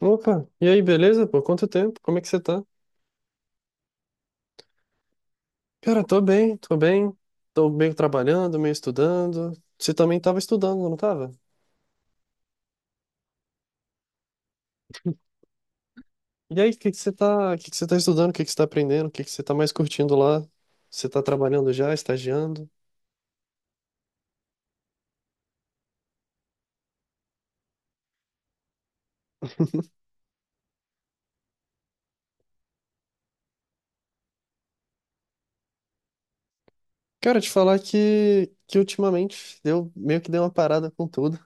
Opa, e aí, beleza? Por quanto tempo? Como é que você tá? Cara, tô bem, tô bem. Tô meio trabalhando, meio estudando. Você também tava estudando, não tava? E aí, o que que você tá estudando? O que que você tá aprendendo? O que que você tá mais curtindo lá? Você tá trabalhando já, estagiando? Cara, te falar que ultimamente eu meio que dei uma parada com tudo.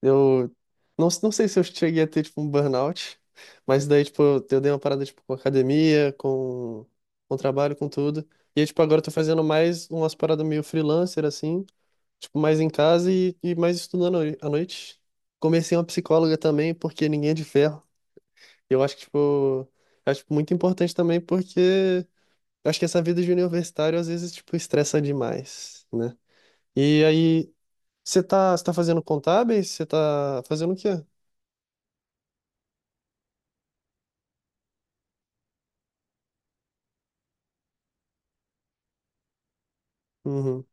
Eu não sei se eu cheguei a ter, tipo, um burnout, mas daí, tipo, eu dei uma parada, tipo, com academia, com trabalho, com tudo. E aí, tipo, agora eu tô fazendo mais umas paradas meio freelancer, assim, tipo, mais em casa e mais estudando à noite. Comecei uma psicóloga também, porque ninguém é de ferro. Eu acho que, tipo, acho tipo, muito importante também, porque eu acho que essa vida de universitário, às vezes, tipo, estressa demais, né? E aí, você tá fazendo contábeis? Você tá fazendo o quê? Uhum.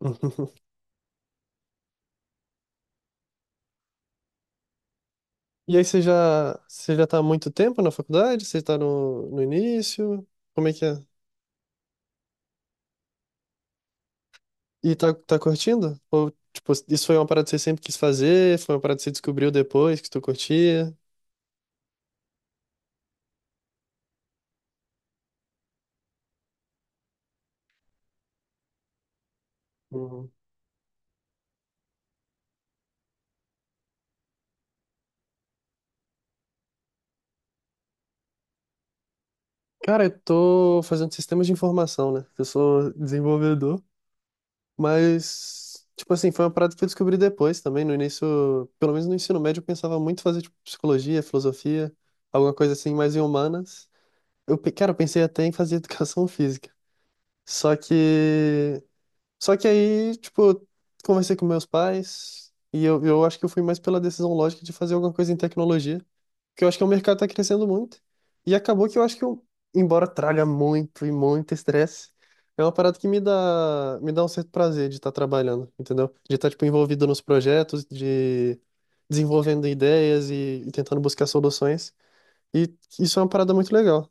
Uhum. E aí você já tá há muito tempo na faculdade? Você tá no início? Como é que é? E tá curtindo? Ou, tipo, isso foi uma parada que você sempre quis fazer? Foi uma parada que você descobriu depois que tu curtia? Uhum. Cara, eu tô fazendo sistemas de informação, né? Eu sou desenvolvedor, mas, tipo assim, foi uma parada que eu descobri depois também. No início, pelo menos no ensino médio, eu pensava muito em fazer, tipo, psicologia, filosofia, alguma coisa assim mais em humanas. Cara, eu pensei até em fazer educação física. Só que. Só que aí, tipo, conversei com meus pais e eu, acho que eu fui mais pela decisão lógica de fazer alguma coisa em tecnologia, porque eu acho que o mercado está crescendo muito. E acabou que eu acho que eu, embora traga muito e muito estresse, é uma parada que me dá um certo prazer de estar trabalhando, entendeu? De estar, tipo, envolvido nos projetos, de desenvolvendo ideias e tentando buscar soluções. E isso é uma parada muito legal.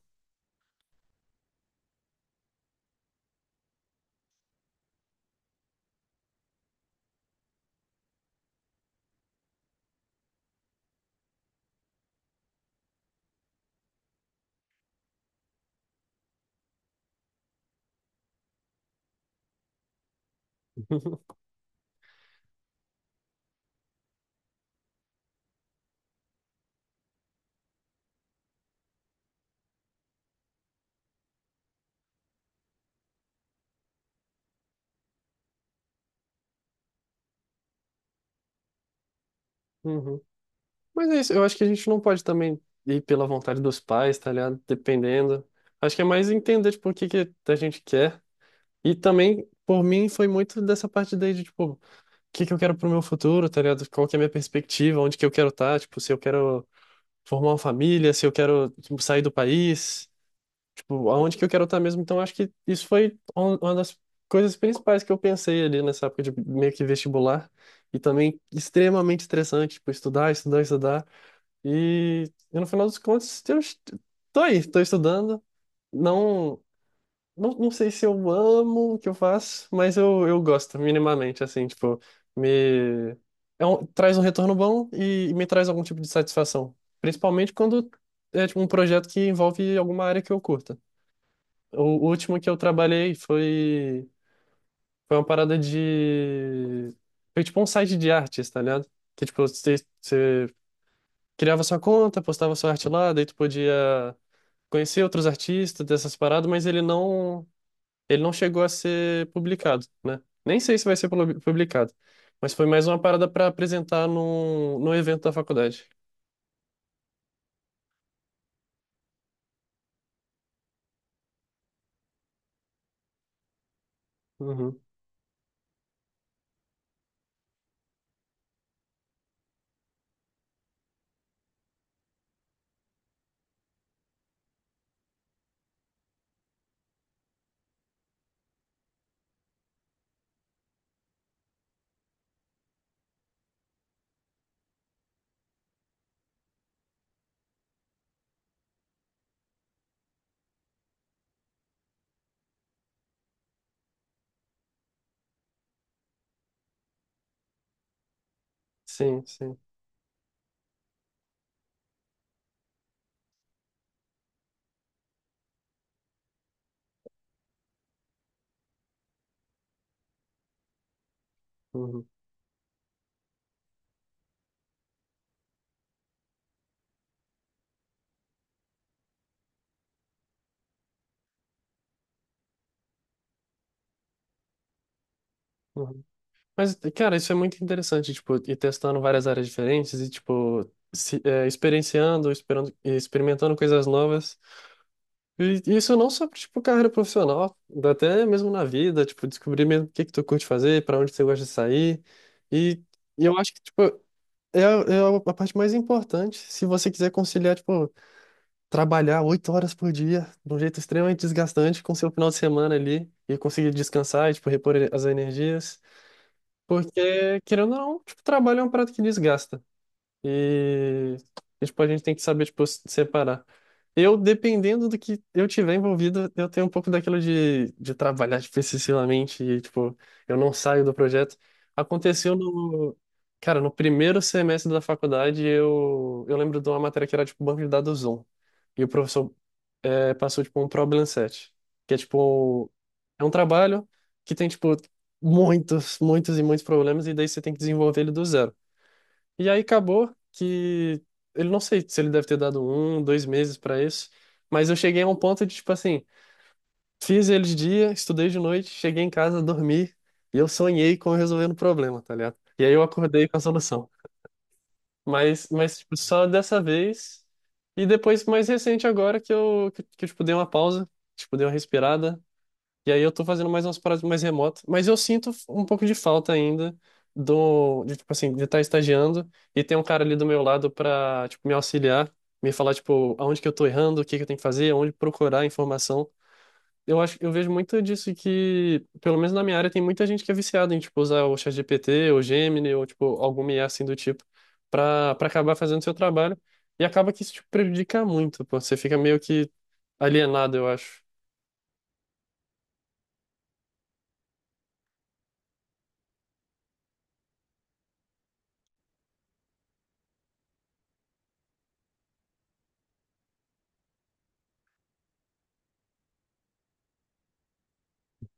Mas é isso, eu acho que a gente não pode também ir pela vontade dos pais, tá ligado? Dependendo. Acho que é mais entender, tipo, o que que a gente quer. E também, por mim, foi muito dessa parte daí de, tipo, o que que eu quero pro meu futuro, tá ligado? Qual que é a minha perspectiva, onde que eu quero estar, tipo, se eu quero formar uma família, se eu quero, tipo, sair do país, tipo, aonde que eu quero estar mesmo. Então, acho que isso foi uma das coisas principais que eu pensei ali nessa época de meio que vestibular. E também extremamente estressante, tipo, estudar, estudar, estudar. E no final dos contos, eu tô aí, tô estudando. Não, não, não sei se eu amo o que eu faço, mas eu gosto minimamente, assim, tipo, me traz um retorno bom e me traz algum tipo de satisfação. Principalmente quando é tipo, um projeto que envolve alguma área que eu curta. O último que eu trabalhei foi, foi uma parada de. Foi tipo um site de artes, tá ligado? Que tipo, você criava sua conta, postava sua arte lá, daí tu podia conhecer outros artistas dessas paradas, mas ele não chegou a ser publicado, né? Nem sei se vai ser publicado, mas foi mais uma parada para apresentar num evento da faculdade. Uhum. Sim, sim. Uhum. Uhum. Mas, cara, isso é muito interessante, tipo, ir testando várias áreas diferentes e, tipo, se, é, experienciando, esperando, experimentando coisas novas. E isso não só pra, tipo, carreira profissional, dá até mesmo na vida, tipo, descobrir mesmo o que que tu curte fazer, pra onde você gosta de sair. E, e eu acho que, tipo, é a parte mais importante se você quiser conciliar, tipo, trabalhar 8 horas por dia, de um jeito extremamente desgastante, com seu final de semana ali, e conseguir descansar e, tipo, repor as energias. Porque, querendo ou não, tipo, trabalho é um prato que desgasta. E, e, tipo, a gente tem que saber, tipo, separar. Eu, dependendo do que eu tiver envolvido, eu tenho um pouco daquilo de, trabalhar especificamente e, tipo, eu não saio do projeto. Aconteceu cara, no primeiro semestre da faculdade, eu lembro de uma matéria que era, tipo, banco de dados 1. E o professor passou, tipo, um problem set, que é, tipo, um trabalho que tem, tipo, muitos, muitos e muitos problemas e daí você tem que desenvolver ele do zero. E aí acabou que ele não sei se ele deve ter dado 1, 2 meses pra isso, mas eu cheguei a um ponto de tipo assim, fiz ele de dia, estudei de noite, cheguei em casa, dormi e eu sonhei com eu resolvendo o problema, tá ligado? E aí eu acordei com a solução. Mas tipo, só dessa vez e depois mais recente agora que eu, tipo dei uma pausa, tipo dei uma respirada, e aí eu tô fazendo mais umas paradas mais remotas, mas eu sinto um pouco de falta ainda do, de, tipo assim, de estar estagiando e ter um cara ali do meu lado pra, tipo, me auxiliar, me falar, tipo, aonde que eu tô errando, o que que eu tenho que fazer, aonde procurar informação. Eu vejo muito disso que, pelo menos na minha área, tem muita gente que é viciada em, tipo, usar o ChatGPT, ou Gemini, ou, tipo, alguma IA assim do tipo, pra acabar fazendo seu trabalho. E acaba que isso, tipo, prejudica muito, pô. Você fica meio que alienado, eu acho.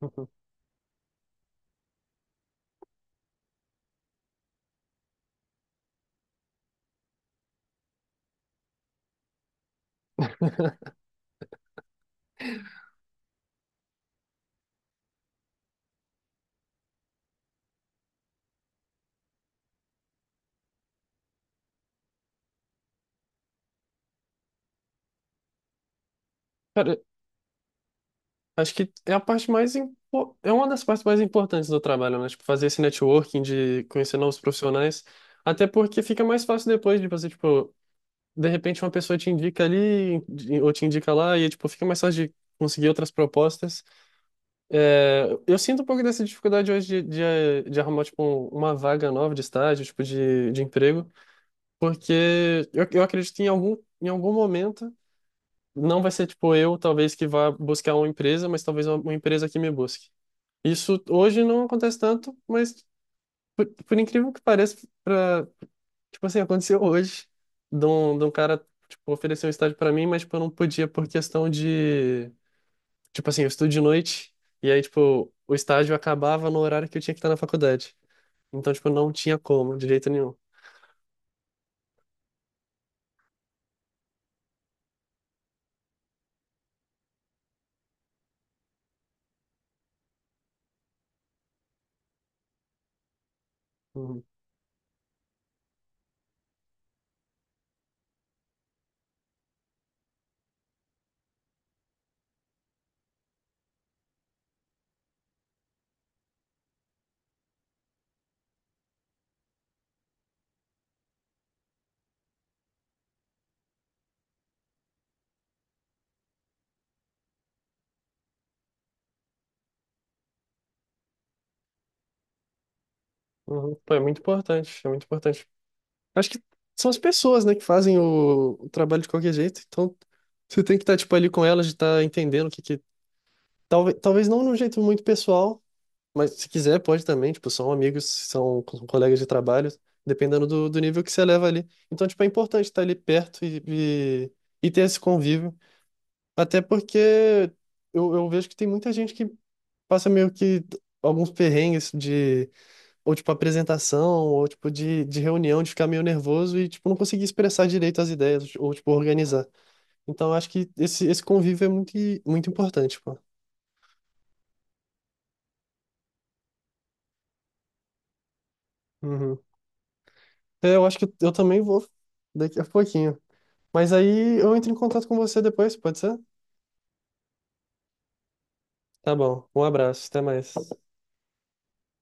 Uhum. Cara, acho que é a parte mais impo- é uma das partes mais importantes do trabalho, né? Tipo, fazer esse networking de conhecer novos profissionais, até porque fica mais fácil depois de você, tipo, de repente uma pessoa te indica ali ou te indica lá e tipo, fica mais fácil de conseguir outras propostas. É, eu sinto um pouco dessa dificuldade hoje de arrumar tipo uma vaga nova de estágio, tipo de emprego, porque eu acredito que em algum momento não vai ser tipo eu, talvez, que vá buscar uma empresa, mas talvez uma empresa que me busque. Isso hoje não acontece tanto, mas por incrível que pareça, pra, tipo assim, aconteceu hoje de um cara, tipo, oferecer um estágio pra mim, mas tipo, eu não podia por questão de, tipo assim, eu estudo de noite e aí, tipo, o estágio acabava no horário que eu tinha que estar na faculdade. Então, tipo, não tinha como, de jeito nenhum. Uhum. Uhum. Pô, é muito importante, é muito importante. Acho que são as pessoas, né, que fazem o trabalho de qualquer jeito, então você tem que estar, tipo, ali com elas, de estar entendendo o que que... Talvez não de um jeito muito pessoal, mas se quiser, pode também, tipo, são amigos, são colegas de trabalho, dependendo do nível que você leva ali. Então, tipo, é importante estar ali perto e, e ter esse convívio. Até porque eu, vejo que tem muita gente que passa meio que alguns perrengues de, ou tipo, apresentação, ou tipo, de reunião, de ficar meio nervoso e, tipo, não conseguir expressar direito as ideias, ou, tipo, organizar. Então, eu acho que esse convívio é muito, muito importante, pô. Uhum. É, eu acho que eu também vou daqui a pouquinho. Mas aí eu entro em contato com você depois, pode ser? Tá bom. Um abraço, até mais.